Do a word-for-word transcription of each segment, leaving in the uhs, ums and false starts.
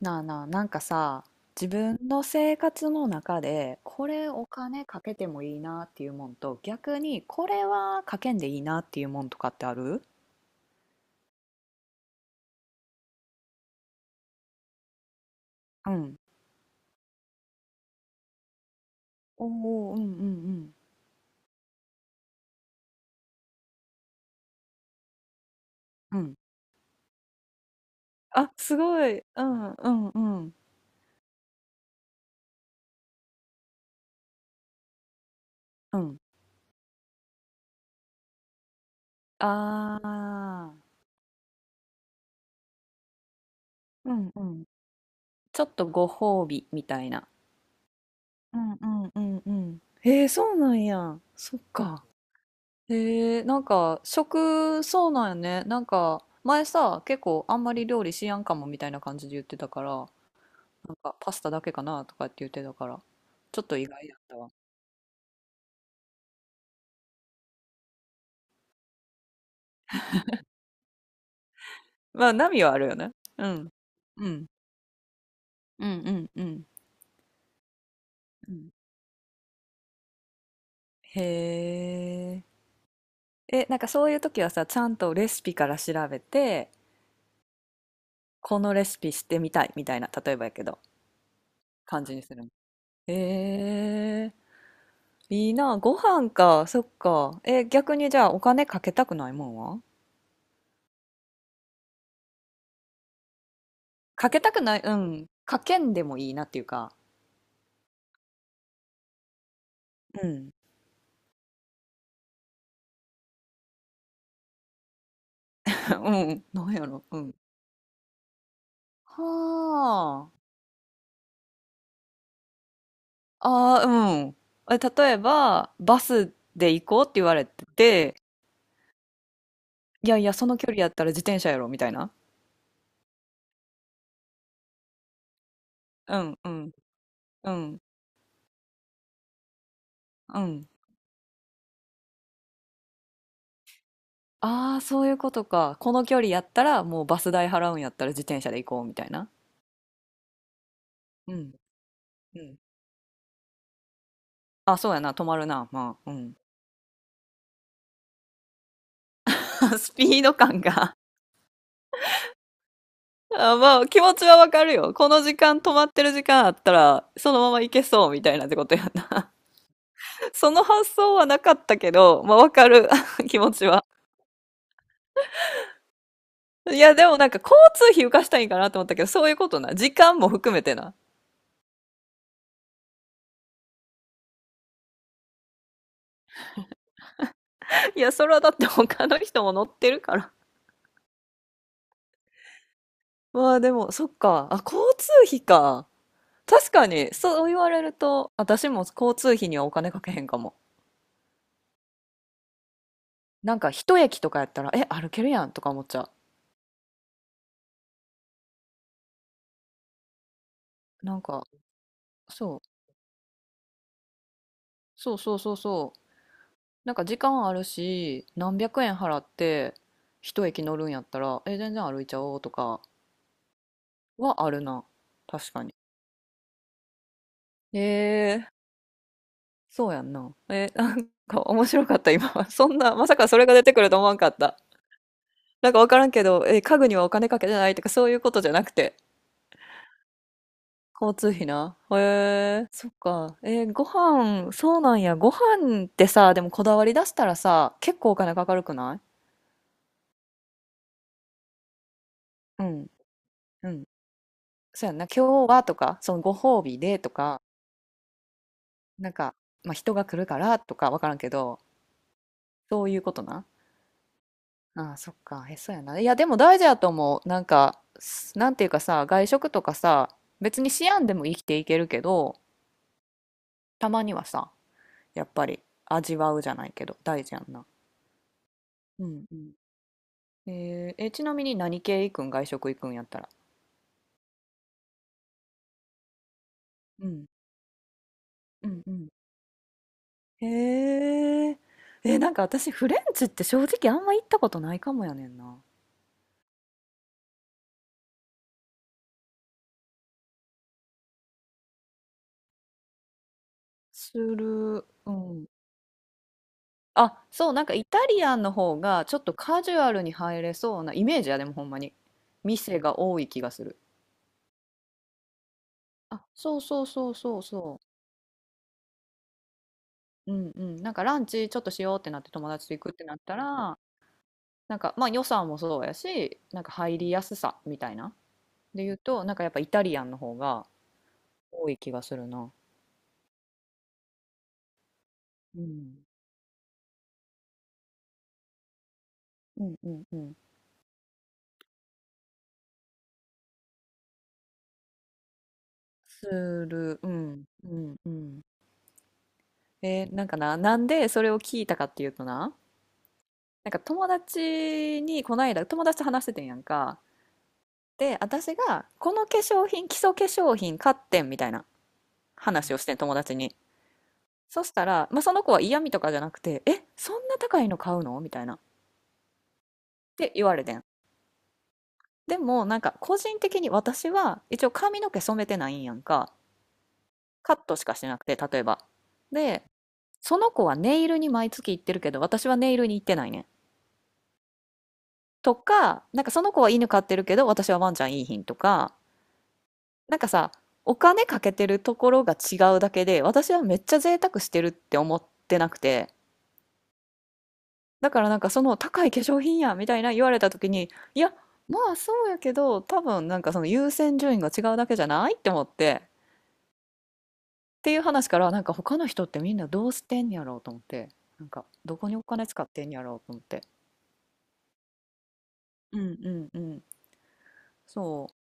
なあなあ、なんかさ、自分の生活の中で、これお金かけてもいいなっていうもんと、逆にこれはかけんでいいなっていうもんとかってある？うん。おお、うんうんうん。うん。あ、すごい。うんうんうん。うん。ああ、うんうん。ちょっとご褒美みたいな。うんうんうんうん。えー、そうなんや。そっか。へえ、なんか食、そうなんやね。なんか前さ、結構あんまり料理しやんかもみたいな感じで言ってたから、なんかパスタだけかなとかって言ってたから、ちょっと意外やったわ。まあ、波はあるよね。うん。うん。うんうんうん。うんへえ。え、なんかそういう時はさ、ちゃんとレシピから調べて、このレシピしてみたいみたいな、例えばやけど、感じにするの。へいいな、ご飯か、そっか。え、逆にじゃあお金かけたくないもんは？かけたくない、うん。かけんでもいいなっていうか。うん。うん。なんやろ。うん。はあ。ああ、うん。え、例えば、バスで行こうって言われてて、いやいや、その距離やったら自転車やろ、みたいな。うん、うん、うん、うん。ああ、そういうことか。この距離やったら、もうバス代払うんやったら自転車で行こう、みたいな。うん、うん。あ、そうやな、止まるな。まあ、うん。スピード感が あまあ、気持ちはわかるよ。この時間、止まってる時間あったら、そのまま行けそうみたいなってことやな。その発想はなかったけど、まあわかる 気持ちは。いや、でもなんか交通費浮かしたいんかなと思ったけど、そういうことな。時間も含めてな。いや、それはだって他の人も乗ってるから。まあでも、そっか。あ、交通費か。確かに、そう言われると、私も交通費にはお金かけへんかも。なんか一駅とかやったら、え、歩けるやんとか思っちゃう。なんか、そう。そうそうそうそう。なんか時間あるし、何百円払って一駅乗るんやったら、え、全然歩いちゃおうとかはあるな。確かに。えー、そうやんな。え、なんか面白かった、今。そんな、まさかそれが出てくると思わんかった。なんかわからんけど、え、家具にはお金かけてないとかそういうことじゃなくて。交通費な。へえ、そっか。えーご飯、そうなんや。ご飯ってさ、でもこだわり出したらさ、結構お金かかるくない？うん。うん。そうやんな、今日はとか、そのご褒美でとか、なんか、まあ、人が来るからとかわからんけど、そういうことな。ああ、そっか、へそやな。いや、でも大事やと思う。なんか、すなんていうかさ、外食とかさ、別に思案でも生きていけるけど、たまにはさ、やっぱり味わうじゃないけど、大事やんな。うんうん。えーえ、ちなみに何系行くん外食行くんやったら。うんうんうん。へえ。え、なんか私フレンチって正直あんま行ったことないかもやねんな。する。うん。あ、そう、なんかイタリアンの方がちょっとカジュアルに入れそうなイメージや、でもほんまに。店が多い気がする。あ、そうそうそうそうそう。うんうん。なんかランチちょっとしようってなって友達と行くってなったら、なんかまあ予算もそうやし、なんか入りやすさみたいな。で言うと、なんかやっぱイタリアンの方が多い気がするな。うん。うんうんうん。する。うんうんうん。えーなんかな、なんでそれを聞いたかっていうとな、なんか友達にこの間友達と話しててんやんか。で、私がこの化粧品、基礎化粧品買ってんみたいな話をしてん友達に。そしたら、まあ、その子は嫌味とかじゃなくて、え、そんな高いの買うのみたいな。って言われてん。でもなんか個人的に私は一応髪の毛染めてないんやんか。カットしかしてなくて、例えば。で、その子はネイルに毎月行ってるけど、私はネイルに行ってないねん。とか、なんかその子は犬飼ってるけど、私はワンちゃんいいひんとか、なんかさ、お金かけてるところが違うだけで、私はめっちゃ贅沢してるって思ってなくて、だからなんかその高い化粧品やみたいな言われた時に、いや、まあそうやけど、多分なんかその優先順位が違うだけじゃないって思って、っていう話からなんか他の人ってみんなどうしてんやろうと思って、なんかどこにお金使ってんやろうと思って。うんうんうん。そう。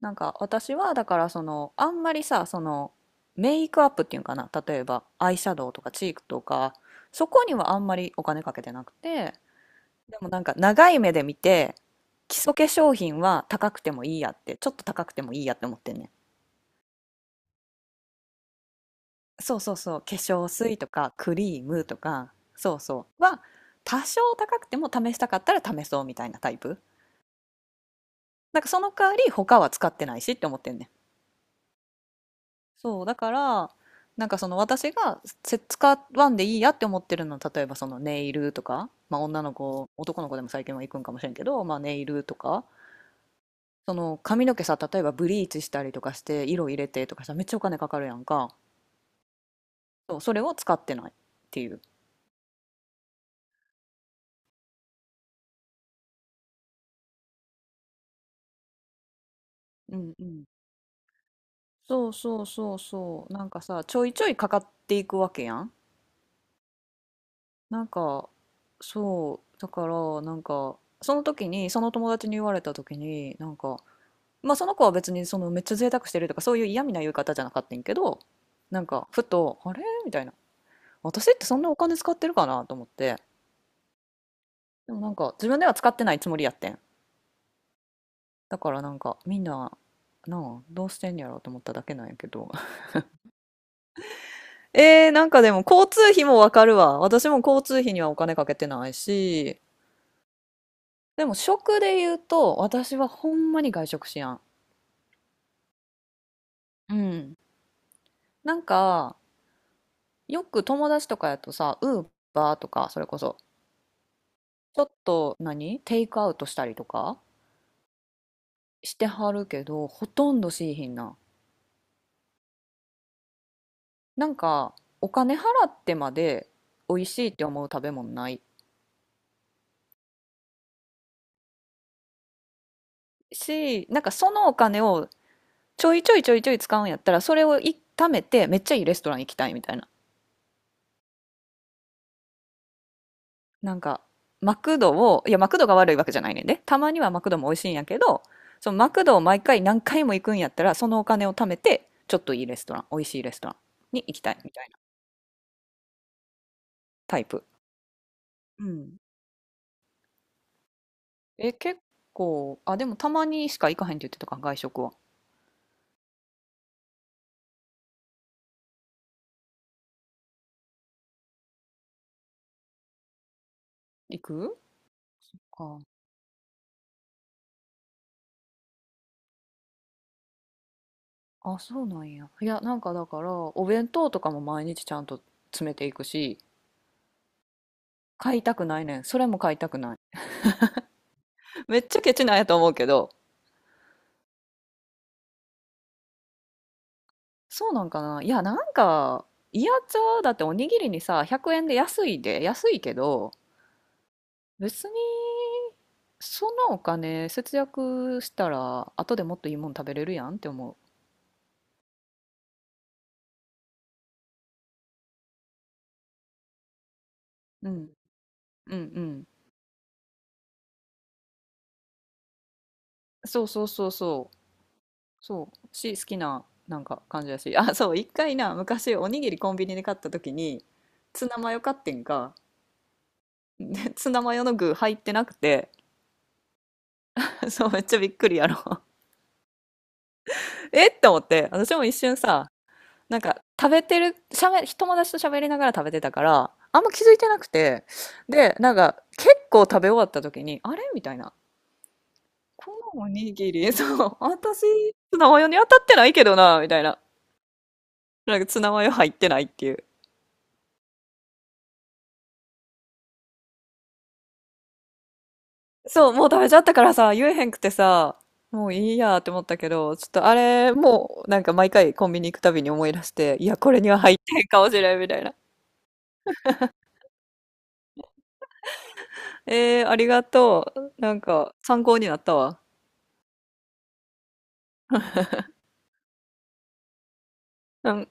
なんか私はだからそのあんまりさそのメイクアップっていうかな例えばアイシャドウとかチークとかそこにはあんまりお金かけてなくてでもなんか長い目で見て基礎化粧品は高くてもいいやってちょっと高くてもいいやって思ってんねんそうそうそう化粧水とかクリームとかそうそうは多少高くても試したかったら試そうみたいなタイプなんかその代わり他は使ってないしって思ってんねんそう、だから、なんかその私がせ使わんでいいやって思ってるのは、例えばそのネイルとか、まあ女の子、男の子でも最近は行くんかもしれんけど、まあネイルとか、その髪の毛さ、例えばブリーチしたりとかして、色入れてとかさ、めっちゃお金かかるやんか。そう、それを使ってないっていう。うんうん。そうそうそうそう。なんかさ、ちょいちょいかかっていくわけやん。なんか、そう、だから、なんか、その時に、その友達に言われた時に、なんか、まあその子は別にそのめっちゃ贅沢してるとかそういう嫌味な言い方じゃなかったんやけどなんかふと「あれ？」みたいな「私ってそんなお金使ってるかな？」と思ってでもなんか自分では使ってないつもりやってんだからなんかみんななあどうしてんやろうと思っただけなんやけど えー、なんかでも交通費もわかるわ私も交通費にはお金かけてないしでも食で言うと私はほんまに外食しやんうんなんかよく友達とかやとさウーバーとかそれこそちょっと何テイクアウトしたりとかしてはるけど、ほとんどしいひんな。なんか、お金払ってまで美味しいって思う食べ物ないし、なんかそのお金をちょいちょいちょいちょい使うんやったら、それをい貯めてめっちゃいいレストラン行きたいみたいな。なんか、マクドを、いや、マクドが悪いわけじゃないねんで。たまにはマクドも美味しいんやけど、そのマクドを毎回何回も行くんやったら、そのお金を貯めて、ちょっといいレストラン、美味しいレストランに行きたいみたいなタイプ。うん。え、結構、あ、でもたまにしか行かへんって言ってたか、外食は。行くか。あ、そうなんや。いや、なんかだから、お弁当とかも毎日ちゃんと詰めていくし、買いたくないねん。それも買いたくない。めっちゃケチなんやと思うけど。そうなんかな。いや、なんか、イヤチャだっておにぎりにさ、ひゃくえんで安いで、安いけど、別にそのお金節約したら、後でもっといいもん食べれるやんって思う。うん。うんうん。そうそうそうそう。そうし好きななんか感じだし あそう一回な昔おにぎりコンビニで買った時にツナマヨ買ってんかで ツナマヨの具入ってなくて そうめっちゃびっくりやろ えって思って私も一瞬さなんか食べてるしゃべ友達と喋りながら食べてたからあんま気づいてなくてでなんか結構食べ終わった時にあれみたいなこのおにぎり そう私ツナマヨに当たってないけどなみたいななんかツナマヨ入ってないっていうそう、もう食べちゃったからさ、言えへんくてさ、もういいやって思ったけど、ちょっとあれ、もうなんか毎回コンビニ行くたびに思い出して、いや、これには入ってへんかもしれんみたいな。えー、ありがとう。なんか参考になったわ。うん。